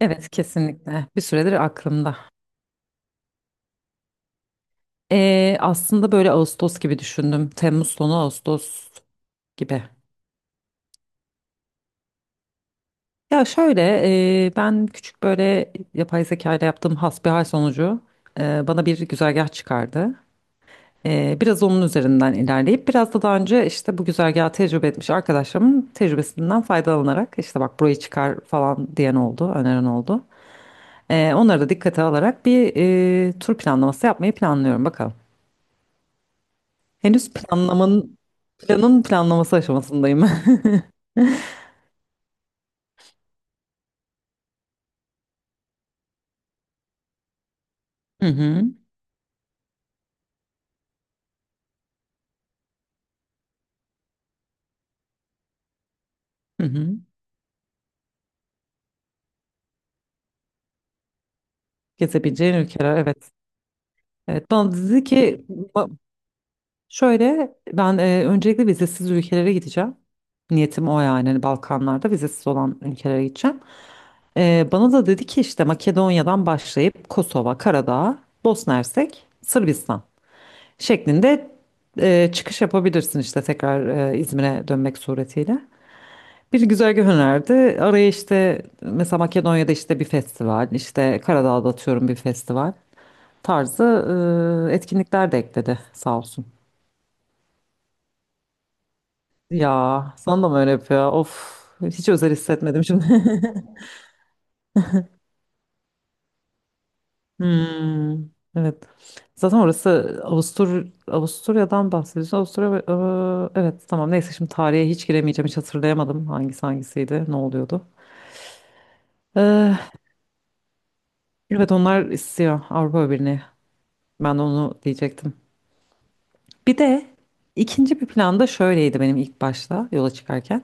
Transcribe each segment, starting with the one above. Evet kesinlikle bir süredir aklımda. Aslında böyle Ağustos gibi düşündüm. Temmuz sonu Ağustos gibi. Ya şöyle ben küçük böyle yapay zeka ile yaptığım hasbihal sonucu bana bir güzergah çıkardı. Biraz onun üzerinden ilerleyip biraz da daha önce işte bu güzergahı tecrübe etmiş arkadaşlarımın tecrübesinden faydalanarak işte bak burayı çıkar falan diyen oldu, öneren oldu. Onları da dikkate alarak bir tur planlaması yapmayı planlıyorum bakalım. Henüz planlamanın Planın planlaması aşamasındayım. Hı hı. Hı hı. Gezebileceğin ülkeler evet. Evet bana dedi ki şöyle ben öncelikle vizesiz ülkelere gideceğim. Niyetim o yani hani Balkanlarda vizesiz olan ülkelere gideceğim. Bana da dedi ki işte Makedonya'dan başlayıp Kosova, Karadağ, Bosna Hersek, Sırbistan şeklinde çıkış yapabilirsin işte tekrar İzmir'e dönmek suretiyle. Bir güzergah önerdi. Araya işte mesela Makedonya'da işte bir festival, işte Karadağ'da atıyorum bir festival tarzı etkinlikler de ekledi sağ olsun. Ya sana da mı öyle yapıyor? Of hiç özel hissetmedim şimdi. Hmm, evet. Zaten orası Avusturya'dan bahsediyorsun. Avusturya evet tamam neyse şimdi tarihe hiç giremeyeceğim hiç hatırlayamadım hangisi hangisiydi ne oluyordu. Eh, evet onlar istiyor Avrupa Birliği. Ben de onu diyecektim. Bir de ikinci bir planda şöyleydi benim ilk başta yola çıkarken.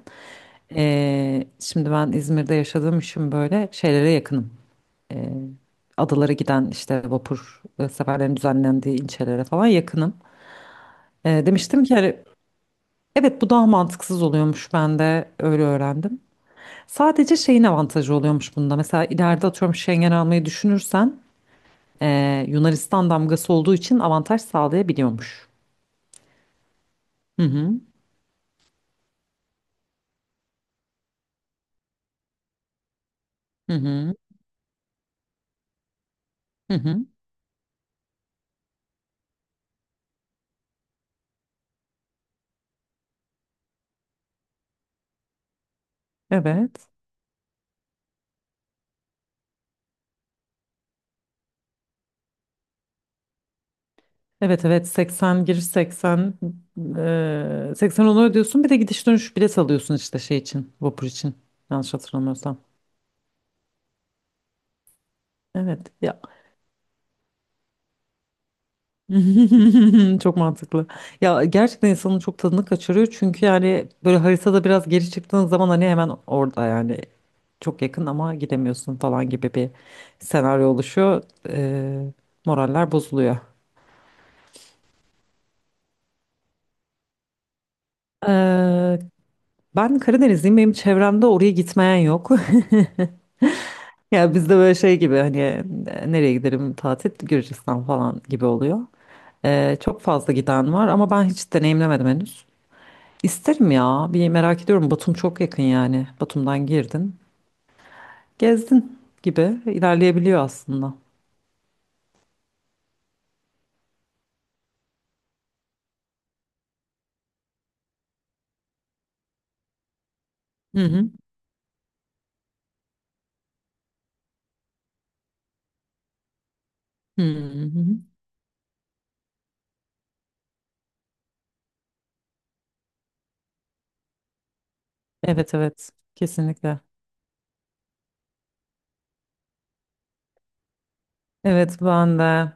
Şimdi ben İzmir'de yaşadığım için böyle şeylere yakınım. Ee, adalara giden işte vapur seferlerin düzenlendiği ilçelere falan yakınım. Demiştim ki hani, evet bu daha mantıksız oluyormuş ben de öyle öğrendim. Sadece şeyin avantajı oluyormuş bunda. Mesela ileride atıyorum Schengen almayı düşünürsen Yunanistan damgası olduğu için avantaj sağlayabiliyormuş. Hı hı. Hı hı. Hı hı. Evet. Evet evet 80 giriş 80 80 onu ödüyorsun bir de gidiş dönüş bilet alıyorsun işte şey için vapur için yanlış hatırlamıyorsam. Evet ya çok mantıklı. Ya gerçekten insanın çok tadını kaçırıyor çünkü yani böyle haritada biraz geri çıktığın zaman hani hemen orada yani çok yakın ama gidemiyorsun falan gibi bir senaryo oluşuyor. Eee, moraller bozuluyor. Eee, ben Karadenizliyim benim çevremde oraya gitmeyen yok. Ya bizde böyle şey gibi hani nereye giderim tatil Gürcistan falan gibi oluyor. Çok fazla giden var ama ben hiç deneyimlemedim henüz. İsterim ya bir merak ediyorum Batum çok yakın yani Batum'dan girdin gezdin gibi ilerleyebiliyor aslında. Hı hı. Hı hı. Hı. Evet evet kesinlikle. Evet ben de.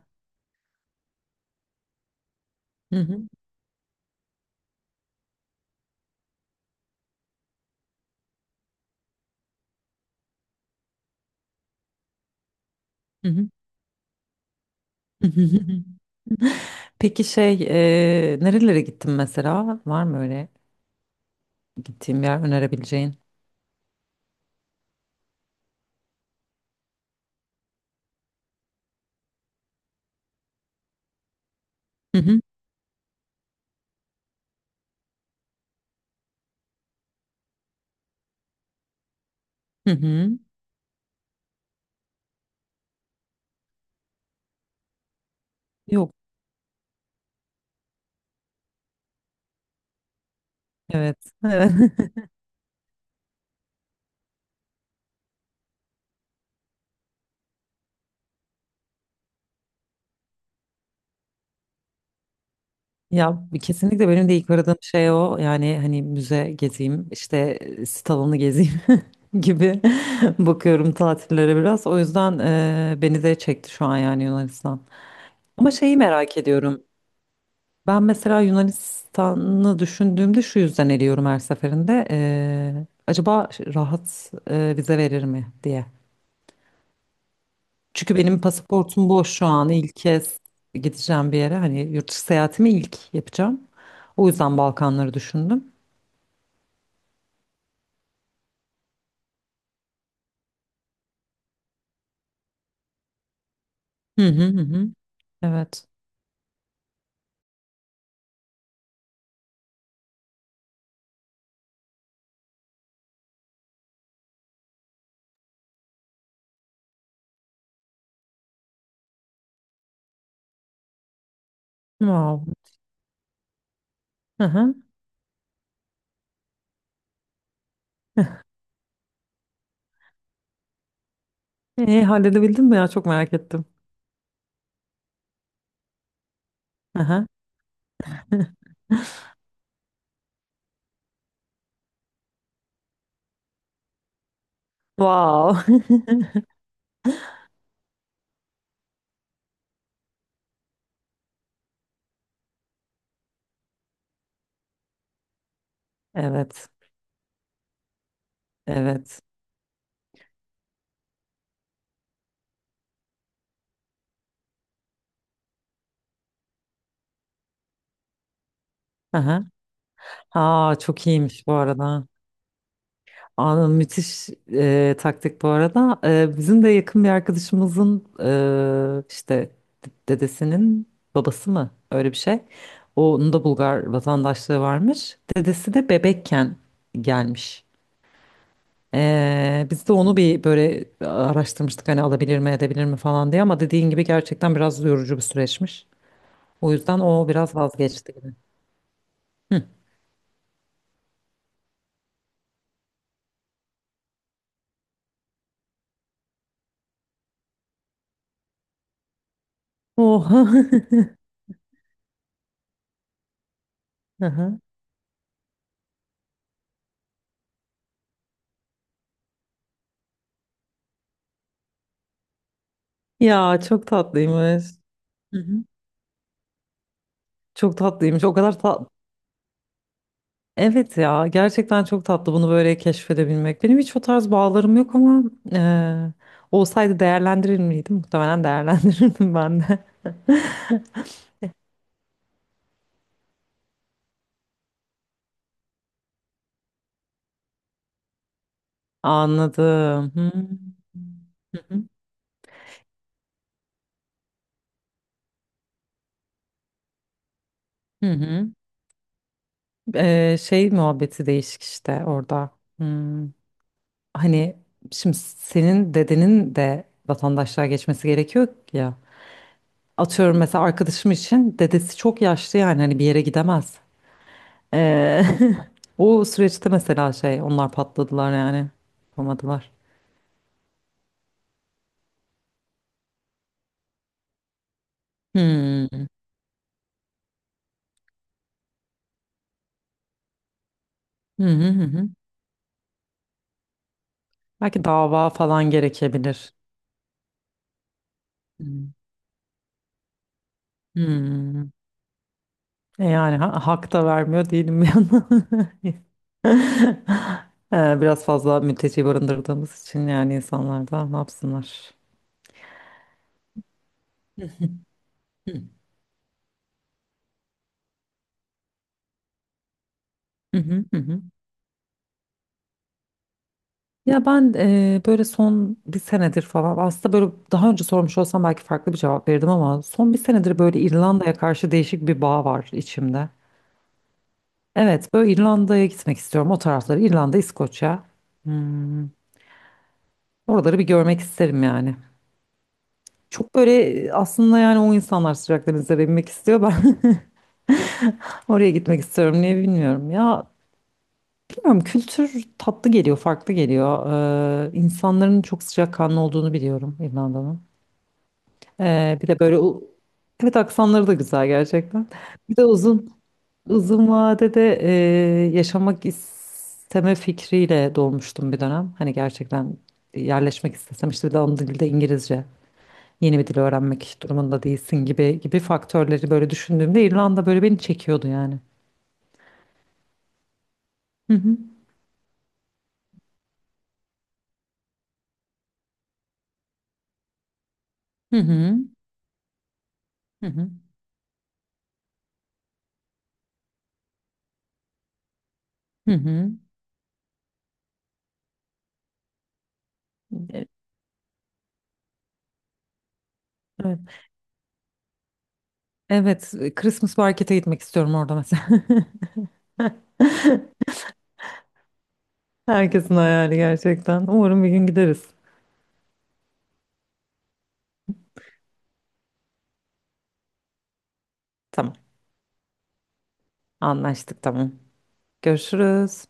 Hı hı. Hı hı. Peki şey nerelere gittin mesela var mı öyle gittiğin bir yer önerebileceğin? Hı hı. Hı hı. Yok evet. Evet. Ya kesinlikle benim de ilk aradığım şey o. Yani hani müze gezeyim, işte sit alanı gezeyim gibi bakıyorum tatillere biraz. O yüzden beni de çekti şu an yani Yunanistan. Ama şeyi merak ediyorum. Ben mesela Yunanistan'ı düşündüğümde şu yüzden eliyorum her seferinde. Acaba rahat vize verir mi diye. Çünkü benim pasaportum boş şu an. İlk kez gideceğim bir yere. Hani yurt dışı seyahatimi ilk yapacağım. O yüzden Balkanları düşündüm. Hı hı hı. Hı. Evet. Wow. Hı hı. Halledebildin mi ya? Çok merak ettim. Hı hı. Wow. Evet. Evet. Hı hı. Aa, çok iyiymiş bu arada. Anın müthiş taktik bu arada. Bizim de yakın bir arkadaşımızın işte dedesinin babası mı öyle bir şey. Onun da Bulgar vatandaşlığı varmış. Dedesi de bebekken gelmiş. Biz de onu bir böyle araştırmıştık hani alabilir mi edebilir mi falan diye ama dediğin gibi gerçekten biraz yorucu bir süreçmiş. O yüzden o biraz vazgeçti gibi. Oha. Aha. Ya çok tatlıymış. Hı hı. Çok tatlıymış. Evet ya gerçekten çok tatlı bunu böyle keşfedebilmek. Benim hiç o tarz bağlarım yok ama eee, olsaydı değerlendirir miydim? Muhtemelen değerlendirirdim ben de. Anladım. Hı hı. Hı hı. Hı. Şey muhabbeti değişik işte orada. Hmm. Hani şimdi senin dedenin de vatandaşlığa geçmesi gerekiyor ya. Atıyorum mesela arkadaşım için dedesi çok yaşlı yani hani bir yere gidemez. Ee, o süreçte mesela şey onlar patladılar yani. Yapamadılar. Hmm. Hı hı hı. Hı. Belki dava falan gerekebilir. Hmm. Hmm. E yani hak da vermiyor değilim bir yandan. Biraz fazla mülteci barındırdığımız için yani insanlar da ne yapsınlar? Hı hı hı. Hı hı hı. Ya ben böyle son bir senedir falan aslında böyle daha önce sormuş olsam belki farklı bir cevap verirdim ama son bir senedir böyle İrlanda'ya karşı değişik bir bağ var içimde. Evet böyle İrlanda'ya gitmek istiyorum o tarafları İrlanda, İskoçya. Hmm, Oraları bir görmek isterim yani. Çok böyle aslında yani o insanlar sıcak denizlere inmek istiyor ben oraya gitmek istiyorum niye bilmiyorum. Ya bilmiyorum kültür tatlı geliyor farklı geliyor. İnsanların çok sıcakkanlı olduğunu biliyorum İrlanda'nın. Bir de böyle evet aksanları da güzel gerçekten. Bir de uzun uzun vadede yaşamak isteme fikriyle dolmuştum bir dönem. Hani gerçekten yerleşmek istesem işte bir de ana dilde İngilizce yeni bir dil öğrenmek durumunda değilsin gibi gibi faktörleri böyle düşündüğümde İrlanda böyle beni çekiyordu yani. Hı hı. Hı hı. Hı hı. Hı hı. E- Evet. Evet, Christmas market'e gitmek istiyorum orada mesela. Herkesin hayali gerçekten. Umarım bir gün gideriz. Tamam. Anlaştık tamam. Görüşürüz.